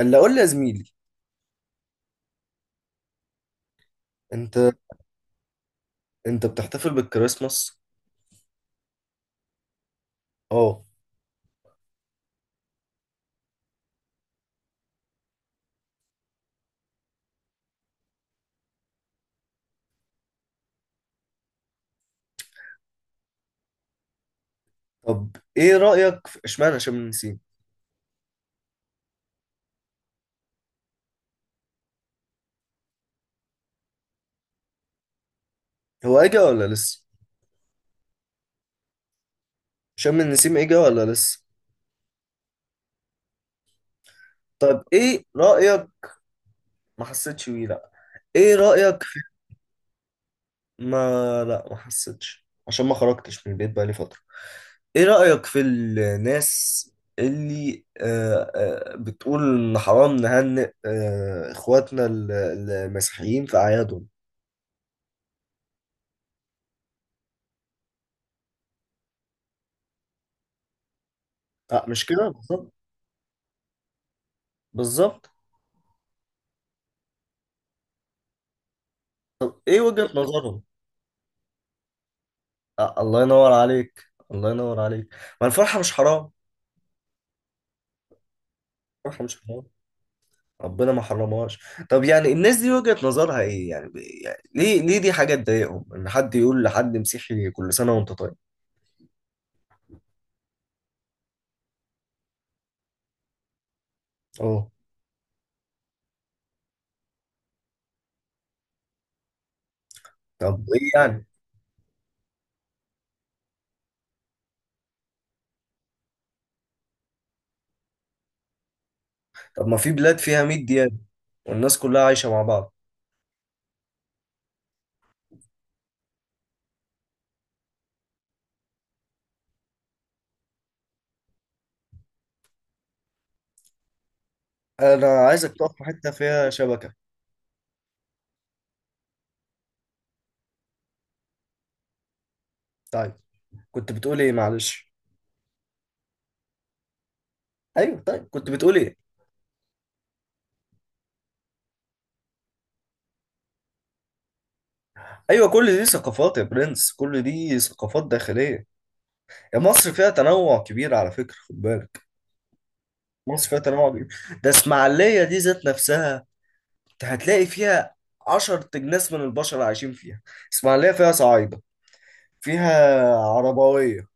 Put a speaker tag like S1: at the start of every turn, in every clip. S1: اللي اقول لي يا زميلي. انت انت بتحتفل بالكريسماس؟ اه. طب ايه رأيك في اشمعنى شم النسيم؟ هو اجا ولا لسه؟ شم النسيم اجا ولا لسه؟ طب ايه رأيك؟ ما حسيتش بيه، لا. ايه رأيك في ما لا، ما حسيتش عشان ما خرجتش من البيت بقالي فترة. ايه رأيك في الناس اللي بتقول ان حرام نهنئ اخواتنا المسيحيين في اعيادهم؟ لا مش كده بالظبط. بالظبط. طب ايه وجهة نظرهم؟ الله ينور عليك، الله ينور عليك. ما الفرحة مش حرام. الفرحة مش حرام. ربنا ما حرمهاش. طب يعني الناس دي وجهة نظرها ايه يعني، يعني ليه دي حاجة تضايقهم ان حد يقول لحد مسيحي كل سنة وانت طيب؟ اه. طب ايه يعني؟ طب ما في بلاد فيها 100 ديانة والناس كلها عايشة مع بعض. انا عايزك تقف في حتة فيها شبكة. طيب. كنت بتقول ايه؟ معلش. ايوه طيب كنت بتقول ايه؟ ايوه، كل دي ثقافات يا برنس، كل دي ثقافات داخلية. يا مصر فيها تنوع كبير على فكرة، خد بالك. مصر فيها تنوع كبير. ده اسماعيلية دي ذات نفسها. انت هتلاقي فيها عشر تجناس من البشر عايشين فيها. اسماعيلية فيها صعايدة، فيها عربوية،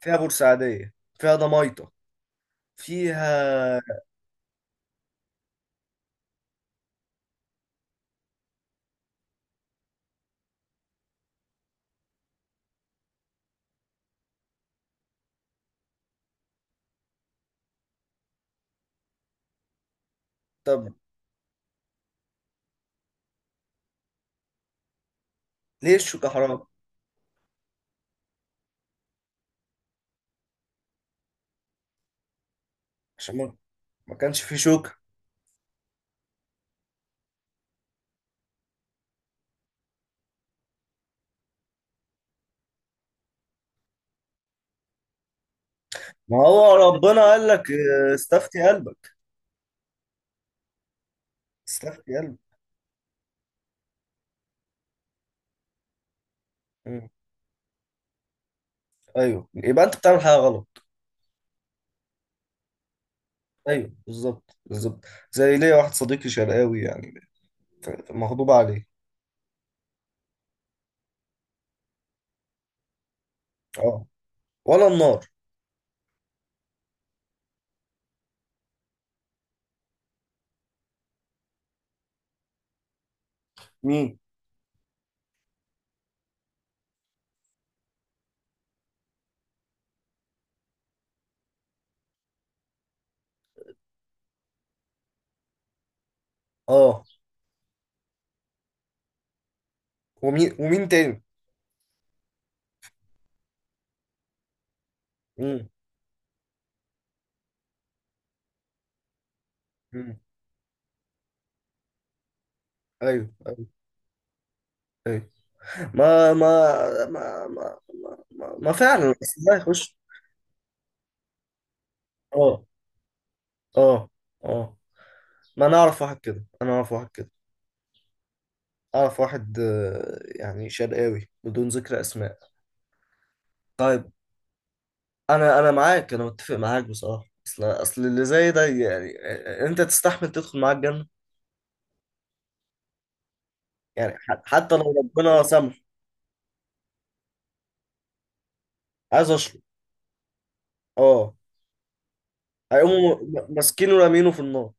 S1: فيها بورسعيدية، فيها دميطة، فيها طب ليه الشوكة حرام؟ عشان ما ما كانش في شوكة. ما هو ربنا قال لك، استفتي قلبك. استفتي قلبك. مم. ايوه يبقى انت بتعمل حاجة غلط. ايوه، بالظبط، بالظبط. زي ليا واحد صديقي شرقاوي يعني، مغضوب عليه. اه. ولا النار؟ مين؟ اه. ومين تاني؟ امم. امم. ايوه، ايوه، ايوه. ما ما ما ما ما فعلا، بس ده يخش. اه. اه. اه. ما انا اعرف واحد كده، انا اعرف واحد كده. اعرف واحد يعني شرقاوي بدون ذكر اسماء. طيب. انا معاك، انا متفق معاك بصراحه، اصل اللي زي ده يعني انت تستحمل تدخل معاه الجنه؟ يعني حتى لو ربنا سامح. عايز اشرب. اه. هيقوموا ماسكينه ورامينه في النار.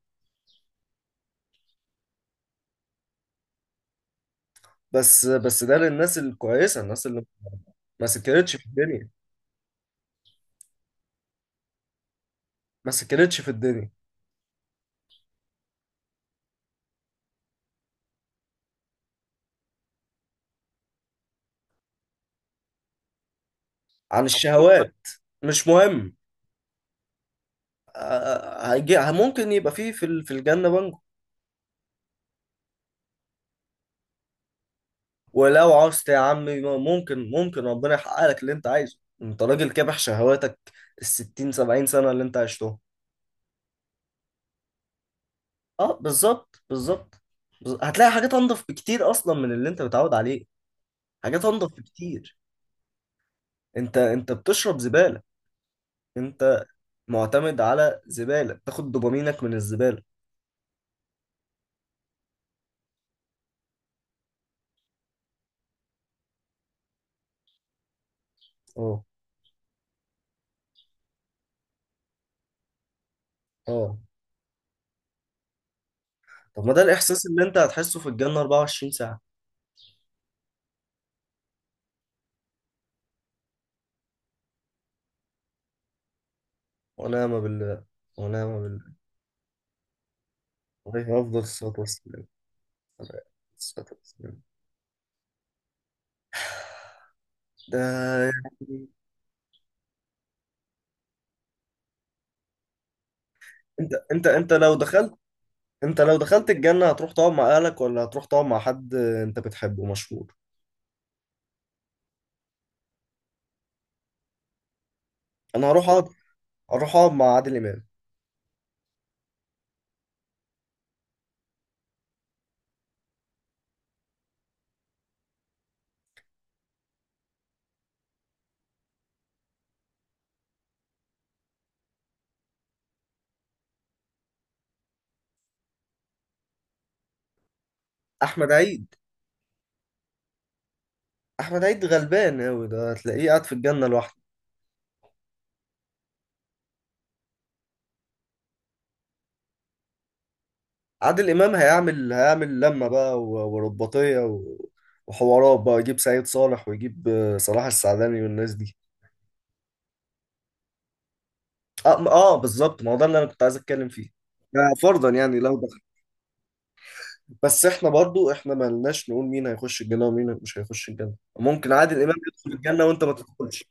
S1: بس ده للناس الكويسه، الناس اللي ما سكرتش في الدنيا. ما سكرتش في الدنيا، عن الشهوات. مش مهم. هيجي ممكن يبقى فيه في الجنة بنجو. ولو عوزت يا عمي، ممكن ربنا يحقق لك اللي انت عايزه، انت راجل كابح شهواتك الستين سبعين سنة اللي انت عشتهم. اه بالظبط، بالظبط. هتلاقي حاجات انضف بكتير اصلا من اللي انت متعود عليه. حاجات انضف بكتير. انت بتشرب زبالة. انت معتمد على زبالة، تاخد دوبامينك من الزبالة. اه. اه. طب ما ده الاحساس اللي انت هتحسه في الجنة 24 ساعة. ونعم بالله. ونعم بالله. عليه افضل الصلاة والسلام. عليه الصلاة والسلام. ده يعني، انت انت انت لو دخلت انت لو دخلت الجنة هتروح تقعد مع اهلك ولا هتروح تقعد مع حد انت بتحبه مشهور؟ انا هروح اقعد اروح اقعد مع عادل امام. احمد عيد. احمد عيد غلبان قوي، ده هتلاقيه قاعد في الجنة لوحده. عادل امام هيعمل لمه بقى ورباطيه وحوارات بقى، يجيب سعيد صالح ويجيب صلاح السعداني والناس دي. اه, بالظبط، ما هو ده اللي انا كنت عايز اتكلم فيه. يعني فرضا، يعني لو دخل. بس احنا برضو، احنا ما لناش نقول مين هيخش الجنه ومين مش هيخش الجنه. ممكن عادل امام يدخل الجنه وانت ما تدخلش.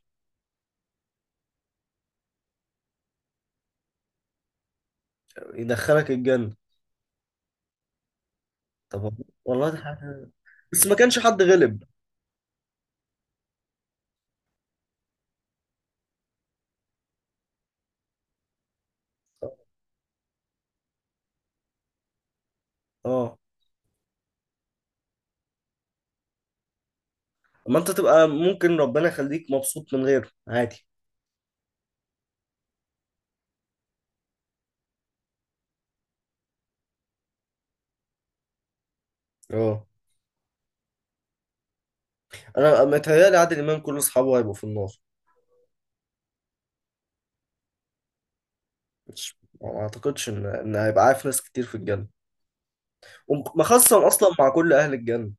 S1: يدخلك الجنه. طب والله دي حاجه. بس ما كانش حد غلب. اه، ما انت تبقى ممكن ربنا يخليك مبسوط من غيره عادي. اه. انا متهيألي عادل امام كل اصحابه هيبقوا في النار. مش ما اعتقدش ان هيبقى عارف ناس كتير في الجنه، ومخصم اصلا مع كل اهل الجنه.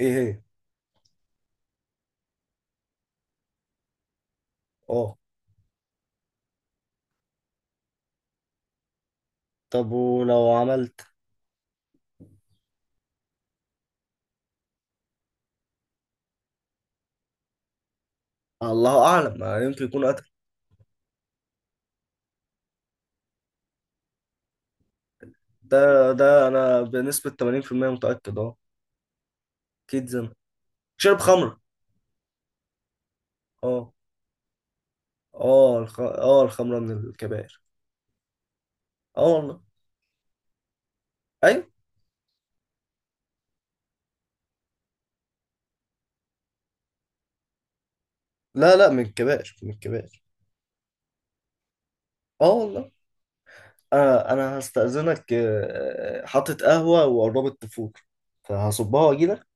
S1: ايه هي؟ اه. طب ولو عملت. الله اعلم ما يمكن يكون قتل. ده ده انا بنسبه 80% متاكد، اه. اكيد زنا. شرب خمره. اه. اه الخمره من الكبائر. اه والله. ايوه. لا، لا، من الكبائر، من الكبائر. اه والله. انا هستأذنك، حاطط قهوه وقربت تفور، فهصبها واجي.